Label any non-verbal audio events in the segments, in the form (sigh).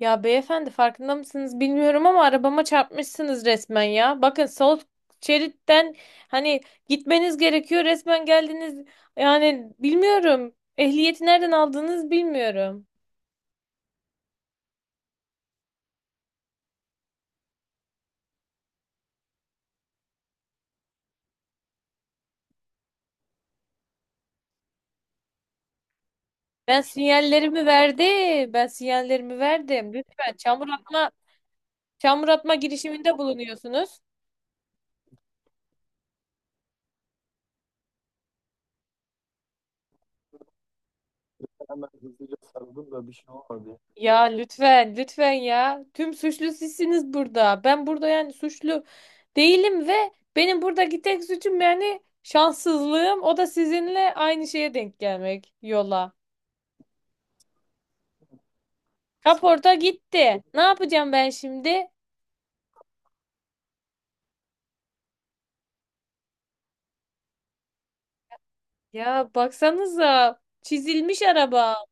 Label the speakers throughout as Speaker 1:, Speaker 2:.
Speaker 1: Ya beyefendi farkında mısınız bilmiyorum ama arabama çarpmışsınız resmen ya. Bakın sol şeritten hani gitmeniz gerekiyor resmen geldiniz. Yani bilmiyorum. Ehliyeti nereden aldığınız bilmiyorum. Ben sinyallerimi verdim. Ben sinyallerimi verdim. Lütfen çamur atma, çamur atma girişiminde bulunuyorsunuz. Ya lütfen, lütfen ya. Tüm suçlu sizsiniz burada. Ben burada yani suçlu değilim ve benim buradaki tek suçum yani şanssızlığım. O da sizinle aynı şeye denk gelmek yola. Kaporta gitti. Ne yapacağım ben şimdi? Ya baksanıza çizilmiş araba.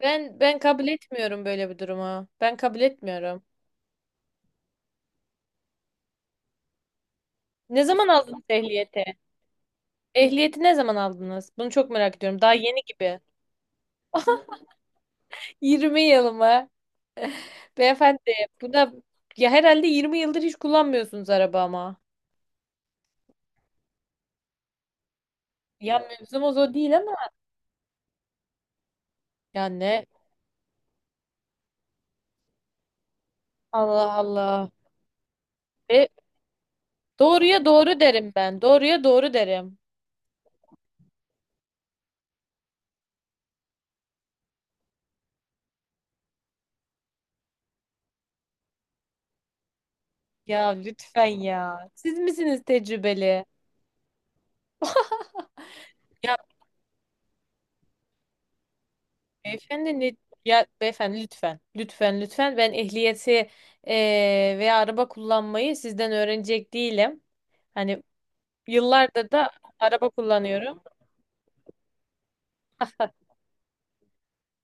Speaker 1: Ben kabul etmiyorum böyle bir durumu. Ben kabul etmiyorum. Ne zaman aldınız ehliyeti? Ehliyeti ne zaman aldınız? Bunu çok merak ediyorum. Daha yeni gibi. (laughs) 20 yıl mı? Beyefendi buna ya herhalde 20 yıldır hiç kullanmıyorsunuz araba ama. Ya mevzumuz o değil ama. Ya ne? Allah Allah. E, doğruya doğru derim ben. Doğruya doğru derim. Ya lütfen ya. Siz misiniz tecrübeli? Ya beyefendi ne? Ya beyefendi lütfen. Lütfen lütfen. Ben ehliyeti e, veya araba kullanmayı sizden öğrenecek değilim. Hani yıllardır da araba kullanıyorum.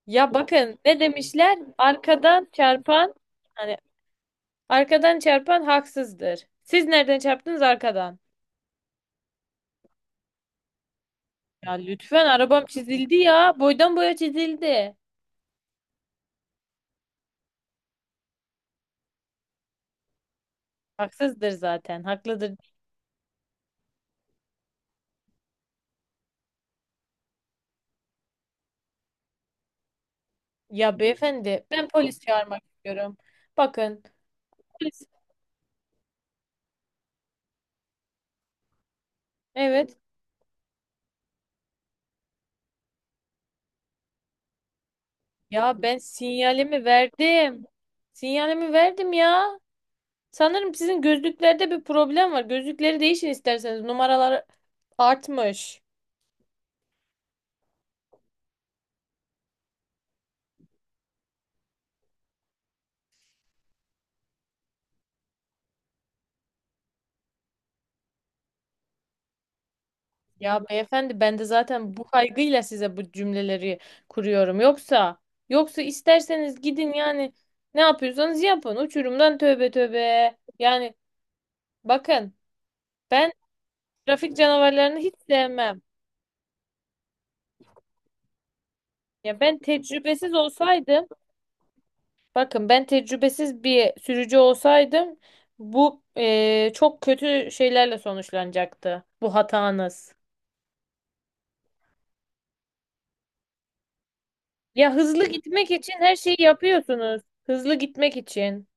Speaker 1: Ya bakın ne demişler? Arkadan çarpan hani arkadan çarpan haksızdır. Siz nereden çarptınız arkadan? Ya lütfen arabam çizildi ya. Boydan boya çizildi. Haksızdır zaten. Haklıdır. Ya beyefendi ben polis çağırmak istiyorum. Bakın polis evet. Ya ben sinyalimi verdim. Sinyalimi verdim ya. Sanırım sizin gözlüklerde bir problem var. Gözlükleri değişin isterseniz. Numaralar artmış. Ya beyefendi ben de zaten bu kaygıyla size bu cümleleri kuruyorum. Yoksa isterseniz gidin yani ne yapıyorsanız yapın. Uçurumdan tövbe tövbe. Yani bakın ben trafik canavarlarını hiç sevmem. Ya ben tecrübesiz olsaydım bakın ben tecrübesiz bir sürücü olsaydım bu çok kötü şeylerle sonuçlanacaktı bu hatanız. Ya hızlı gitmek için her şeyi yapıyorsunuz. Hızlı gitmek için.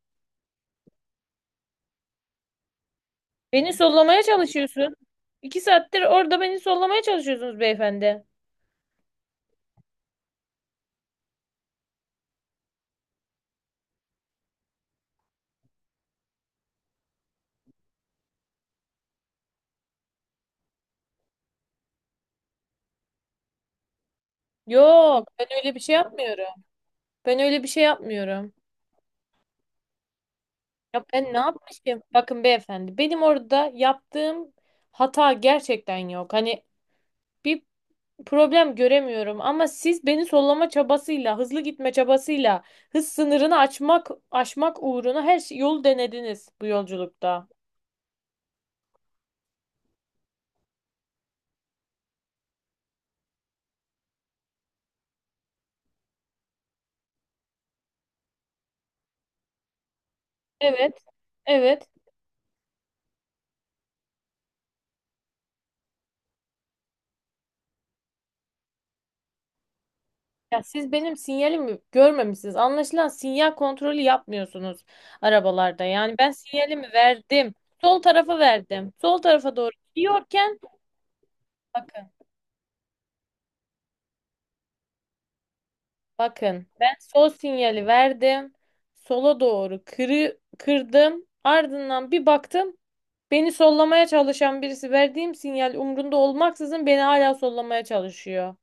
Speaker 1: Beni sollamaya çalışıyorsun. İki saattir orada beni sollamaya çalışıyorsunuz beyefendi. Yok, ben öyle bir şey yapmıyorum. Ben öyle bir şey yapmıyorum. Ya ben ne yapmışım? Bakın beyefendi, benim orada yaptığım hata gerçekten yok. Hani bir problem göremiyorum ama siz beni sollama çabasıyla, hızlı gitme çabasıyla, hız sınırını açmak aşmak uğruna her şey, yol denediniz bu yolculukta. Evet. Evet. Ya siz benim sinyalimi görmemişsiniz. Anlaşılan sinyal kontrolü yapmıyorsunuz arabalarda. Yani ben sinyalimi verdim. Sol tarafa verdim. Sol tarafa doğru gidiyorken bakın, bakın ben sol sinyali verdim. Sola doğru kırdım. Ardından bir baktım. Beni sollamaya çalışan birisi verdiğim sinyal umrunda olmaksızın beni hala sollamaya çalışıyor.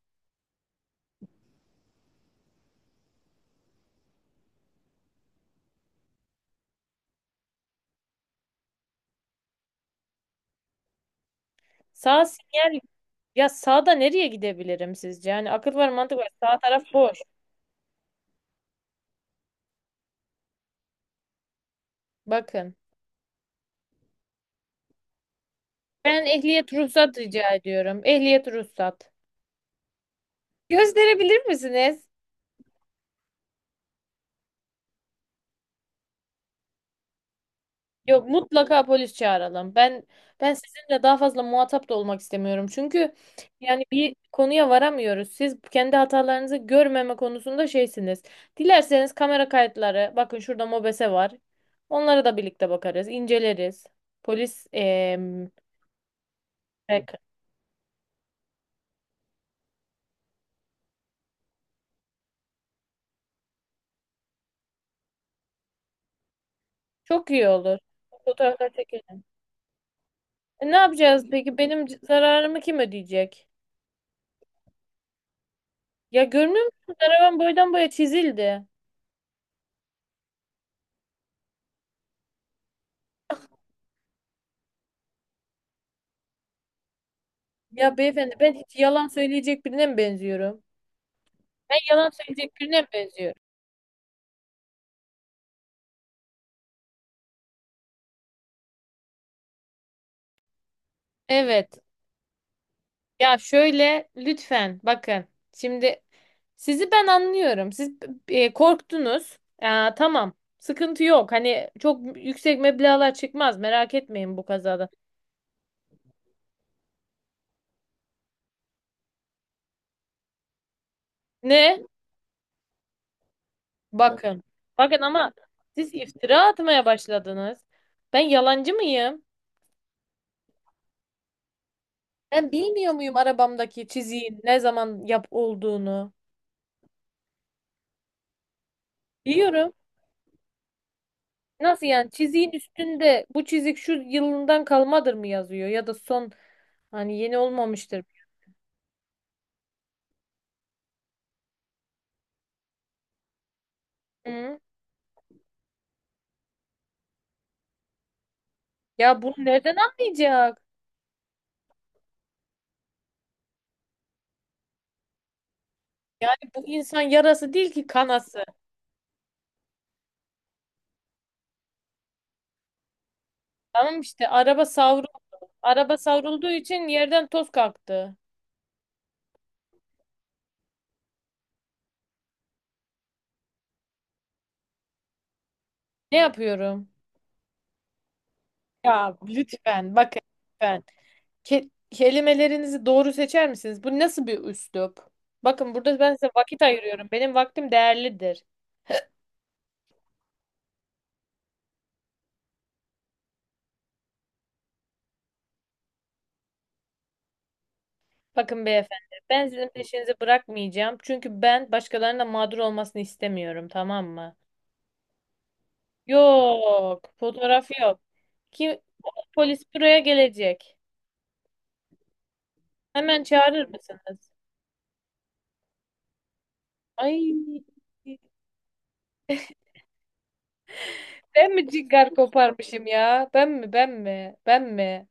Speaker 1: Sağ sinyal ya sağda nereye gidebilirim sizce? Yani akıl var mantık var. Sağ taraf boş. Bakın. Ben ehliyet ruhsat rica ediyorum. Ehliyet ruhsat. Gösterebilir misiniz? Yok mutlaka polis çağıralım. Ben sizinle daha fazla muhatap da olmak istemiyorum. Çünkü yani bir konuya varamıyoruz. Siz kendi hatalarınızı görmeme konusunda şeysiniz. Dilerseniz kamera kayıtları, bakın şurada MOBESE var. Onlara da birlikte bakarız, inceleriz. Polis rek- çok iyi olur. Fotoğraflar çekelim. E, ne yapacağız peki? Benim zararımı kim ödeyecek? Ya görmüyor musun? Arabam boydan boya çizildi. Ya beyefendi ben hiç yalan söyleyecek birine mi benziyorum? Ben yalan söyleyecek birine mi benziyorum? Evet. Ya şöyle lütfen bakın. Şimdi sizi ben anlıyorum. Siz korktunuz. Aa, tamam. Sıkıntı yok. Hani çok yüksek meblağlar çıkmaz. Merak etmeyin bu kazada. Ne? Bakın. Bakın ama siz iftira atmaya başladınız. Ben yalancı mıyım? Ben bilmiyor muyum arabamdaki çiziğin ne zaman yap olduğunu? Diyorum. Nasıl yani çiziğin üstünde bu çizik şu yılından kalmadır mı yazıyor ya da son hani yeni olmamıştır. Hı? Ya bunu nereden anlayacak? Yani bu insan yarası değil ki kanası. Tamam işte araba savrulduğu için yerden toz kalktı. Ne yapıyorum? Ya lütfen bakın lütfen. Kelimelerinizi doğru seçer misiniz? Bu nasıl bir üslup? Bakın burada ben size vakit ayırıyorum. Benim vaktim değerlidir. Bakın beyefendi, ben sizin peşinizi bırakmayacağım. Çünkü ben başkalarının da mağdur olmasını istemiyorum, tamam mı? Yok, fotoğraf yok. Kim polis buraya gelecek? Hemen çağırır mısınız? Ay, ben mi cigar koparmışım ya? Ben mi, ben mi, ben mi?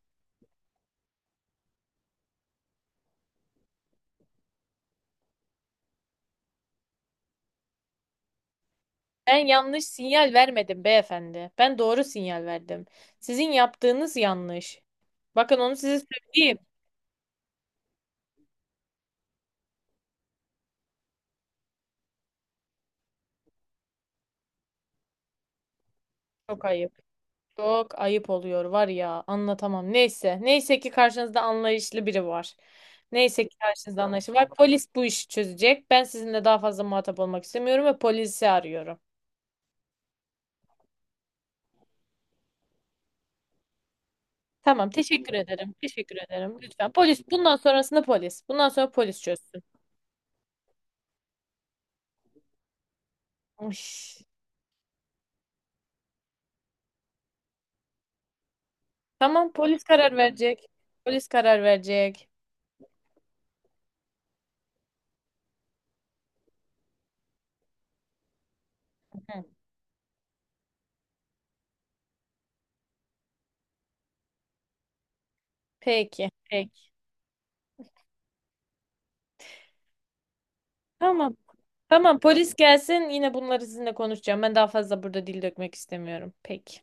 Speaker 1: Ben yanlış sinyal vermedim beyefendi. Ben doğru sinyal verdim. Sizin yaptığınız yanlış. Bakın onu size söyleyeyim. Çok ayıp. Çok ayıp oluyor var ya anlatamam. Neyse. Neyse ki karşınızda anlayışlı biri var. Neyse ki karşınızda anlayışlı var. Polis bu işi çözecek. Ben sizinle daha fazla muhatap olmak istemiyorum ve polisi arıyorum. Tamam, teşekkür ederim. Teşekkür ederim. Lütfen. Polis, bundan sonrasında polis. Bundan sonra polis çözsün. Uy. Tamam, polis karar verecek. Polis karar verecek. Hı. Peki, peki. Tamam. Tamam, polis gelsin. Yine bunları sizinle konuşacağım. Ben daha fazla burada dil dökmek istemiyorum. Peki.